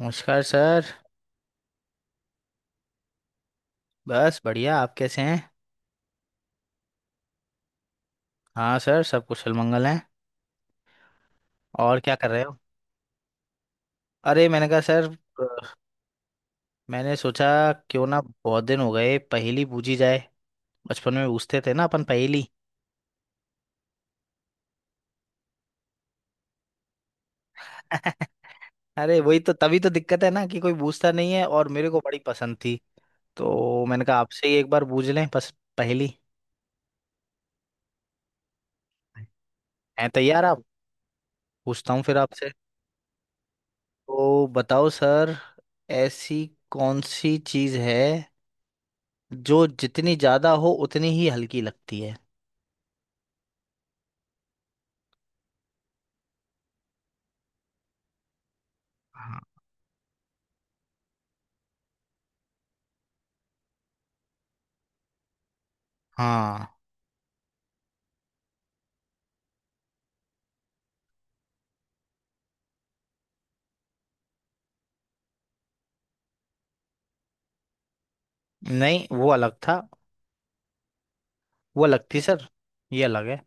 नमस्कार सर। बस बढ़िया, आप कैसे हैं? हाँ सर, सब कुशल मंगल हैं। और क्या कर रहे हो? अरे मैंने कहा सर, अ, मैंने सोचा क्यों ना, बहुत दिन हो गए पहेली पूछी जाए। बचपन में पूछते थे ना अपन पहेली। अरे वही तो, तभी तो दिक्कत है ना कि कोई पूछता नहीं है, और मेरे को बड़ी पसंद थी। तो मैंने कहा आपसे ही एक बार पूछ लें बस। पहेली। हैं? तैयार आप? पूछता हूँ फिर आपसे। तो बताओ सर, ऐसी कौन सी चीज़ है जो जितनी ज्यादा हो उतनी ही हल्की लगती है? हाँ। हाँ। नहीं, वो अलग था। वो अलग थी सर, ये अलग है।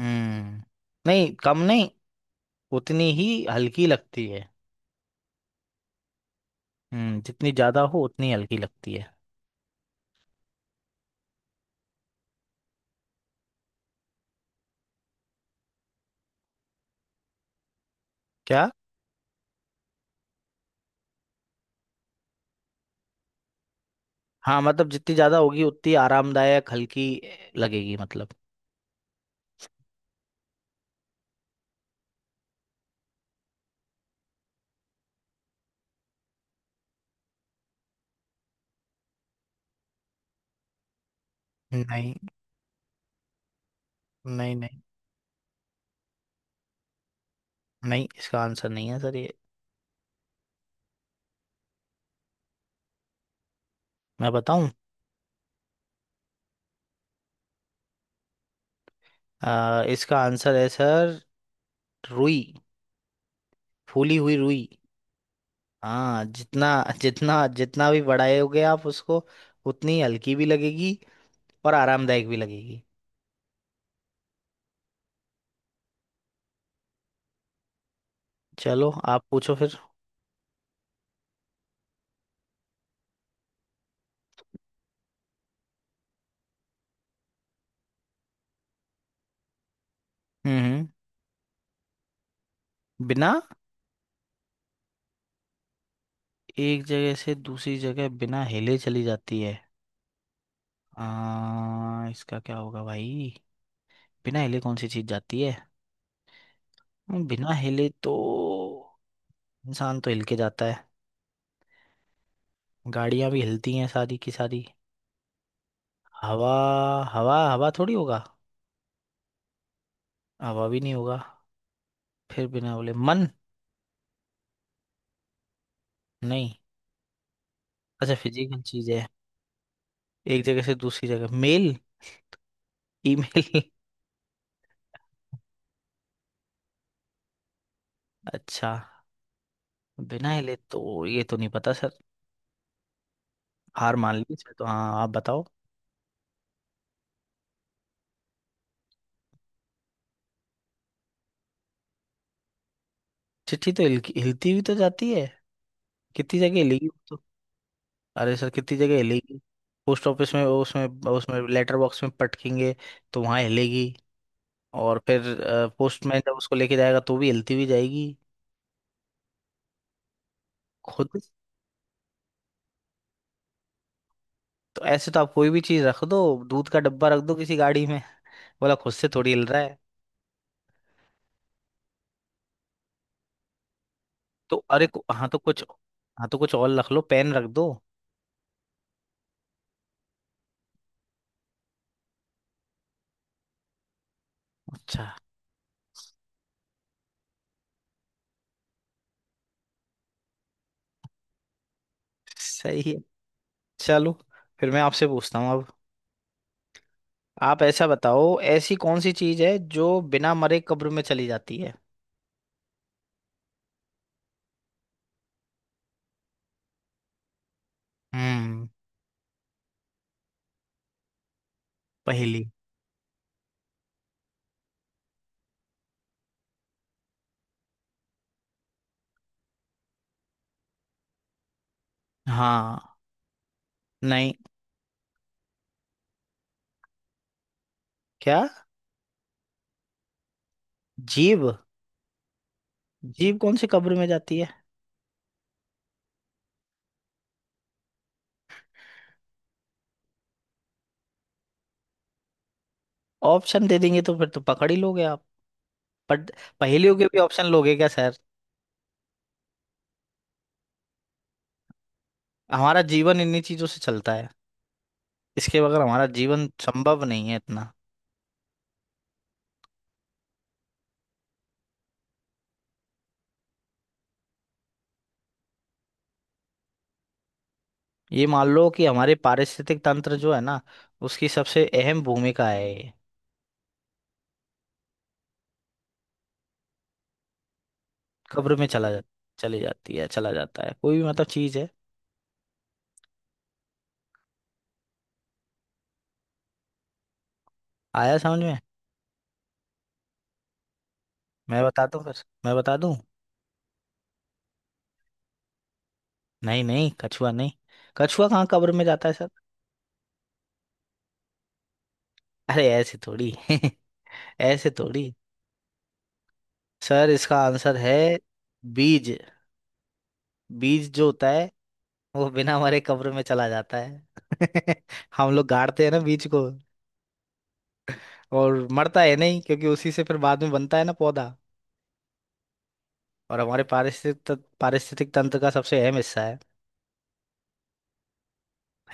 हम्म, नहीं, कम नहीं, उतनी ही हल्की लगती है। हम्म, जितनी ज्यादा हो उतनी हल्की लगती है। क्या? हाँ, मतलब जितनी ज्यादा होगी उतनी आरामदायक हल्की लगेगी, मतलब। नहीं, नहीं। नहीं, नहीं इसका आंसर नहीं है सर, ये। मैं बताऊं? इसका आंसर है सर, रुई। फूली हुई रुई। हाँ, जितना जितना जितना भी बढ़ाओगे आप उसको, उतनी हल्की भी लगेगी और आरामदायक भी लगेगी। चलो आप पूछो फिर। हम्म। बिना, एक जगह से दूसरी जगह बिना हिले चली जाती है। इसका क्या होगा भाई, बिना हिले कौन सी चीज जाती है? बिना हिले तो इंसान तो हिल के जाता है। गाड़ियां भी हिलती हैं सारी की सारी। हवा। हवा थोड़ी होगा। हवा भी नहीं होगा। फिर बिना बोले मन, नहीं। अच्छा, फिजिकल चीज है। एक जगह से दूसरी जगह मेल, ईमेल। अच्छा, बिना हिले तो ये तो नहीं पता सर। हार मान ली सर, तो हाँ आप बताओ। चिट्ठी तो हिलती हुई तो जाती है, कितनी जगह हिलेगी वो तो। अरे सर कितनी जगह हिलेगी, पोस्ट ऑफिस में, उसमें उसमें लेटर बॉक्स में पटकेंगे तो वहाँ हिलेगी। और फिर पोस्टमैन जब उसको लेके जाएगा तो भी हिलती हुई जाएगी। खुद। तो ऐसे तो आप कोई भी चीज़ रख दो, दूध का डब्बा रख दो किसी गाड़ी में, बोला खुद से थोड़ी हिल रहा है। तो अरे हाँ तो कुछ, हाँ तो कुछ और रख लो, पेन रख दो। अच्छा। सही है। चलो, फिर मैं आपसे पूछता हूँ अब। आप ऐसा बताओ, ऐसी कौन सी चीज है जो बिना मरे कब्र में चली जाती है? हम्म। पहेली। हाँ। नहीं। क्या? जीव। जीव कौन सी कब्र में जाती है? ऑप्शन दे देंगे तो फिर तो पकड़ ही लोगे आप, बट पहेलियों के भी ऑप्शन लोगे क्या सर? हमारा जीवन इन्हीं चीजों से चलता है, इसके बगैर हमारा जीवन संभव नहीं है इतना। ये मान लो कि हमारे पारिस्थितिक तंत्र जो है ना, उसकी सबसे अहम भूमिका है ये। कब्र में चला जा, चली जाती है, चला जाता है, कोई भी मतलब चीज है। आया समझ में? मैं बता दूं, फिर मैं बता दूं। नहीं नहीं, कछुआ नहीं। कछुआ कहाँ कब्र में जाता है सर? अरे ऐसे थोड़ी। ऐसे थोड़ी। सर इसका आंसर है, बीज। बीज जो होता है, वो बिना मरे कब्र में चला जाता है। हम लोग गाड़ते हैं ना बीज को। और मरता है नहीं, क्योंकि उसी से फिर बाद में बनता है ना पौधा। और हमारे पारिस्थितिक तंत्र का सबसे अहम हिस्सा है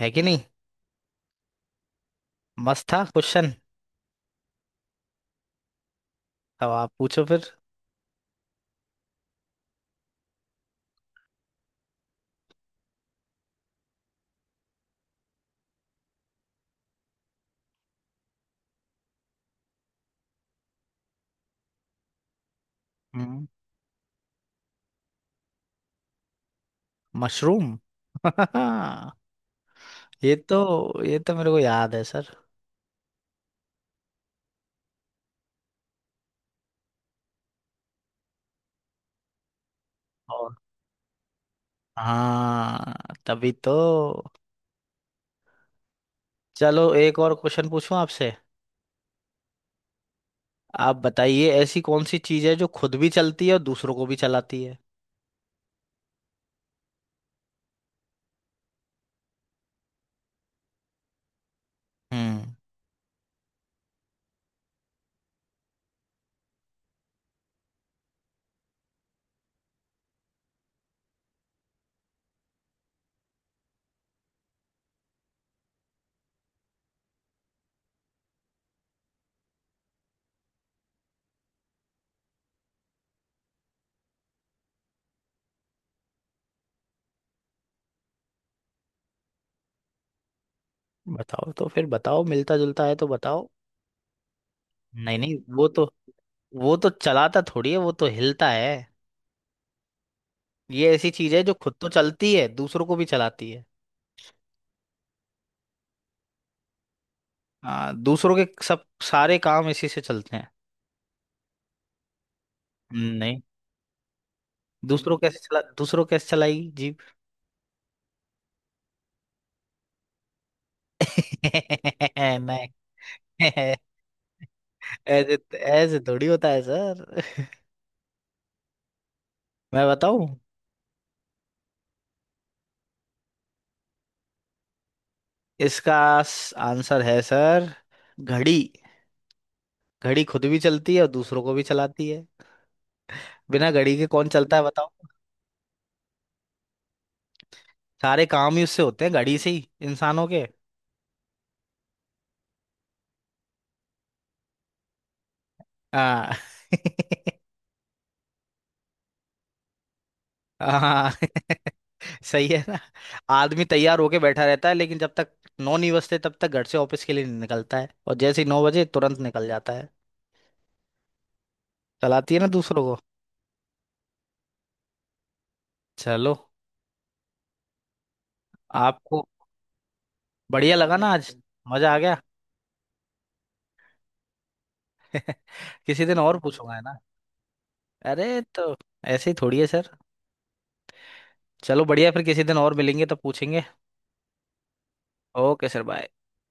है कि नहीं? मस्त था क्वेश्चन। अब आप पूछो फिर। हम्म, मशरूम। ये तो, ये तो मेरे को याद है सर। और हाँ, तभी तो। चलो एक और क्वेश्चन पूछूं आपसे। आप बताइए, ऐसी कौन सी चीज है जो खुद भी चलती है और दूसरों को भी चलाती है? हम्म। बताओ तो फिर, बताओ, मिलता जुलता है तो बताओ। नहीं नहीं, वो तो, वो तो चलाता थोड़ी है, वो तो हिलता है। ये ऐसी चीज है जो खुद तो चलती है, दूसरों को भी चलाती है। हाँ, दूसरों के सब, सारे काम इसी से चलते हैं। नहीं, दूसरों कैसे चला, दूसरों कैसे चलाएगी जीप? नहीं, ऐसे, ऐसे थोड़ी होता है सर। मैं बताऊं? इसका आंसर है सर, घड़ी। घड़ी खुद भी चलती है और दूसरों को भी चलाती है। बिना घड़ी के कौन चलता है बताओ? सारे काम ही उससे होते हैं, घड़ी से ही इंसानों के। हाँ। हाँ। सही है ना? आदमी तैयार होके बैठा रहता है, लेकिन जब तक 9 नहीं बजते तब तक घर से ऑफिस के लिए नहीं निकलता है, और जैसे ही 9 बजे तुरंत निकल जाता है। चलाती है ना दूसरों को? चलो। आपको। बढ़िया लगा ना आज, मजा आ गया। किसी दिन और पूछूंगा, है ना? अरे तो ऐसे ही थोड़ी है सर। चलो बढ़िया, फिर किसी दिन और मिलेंगे तो पूछेंगे। Okay sir, bye.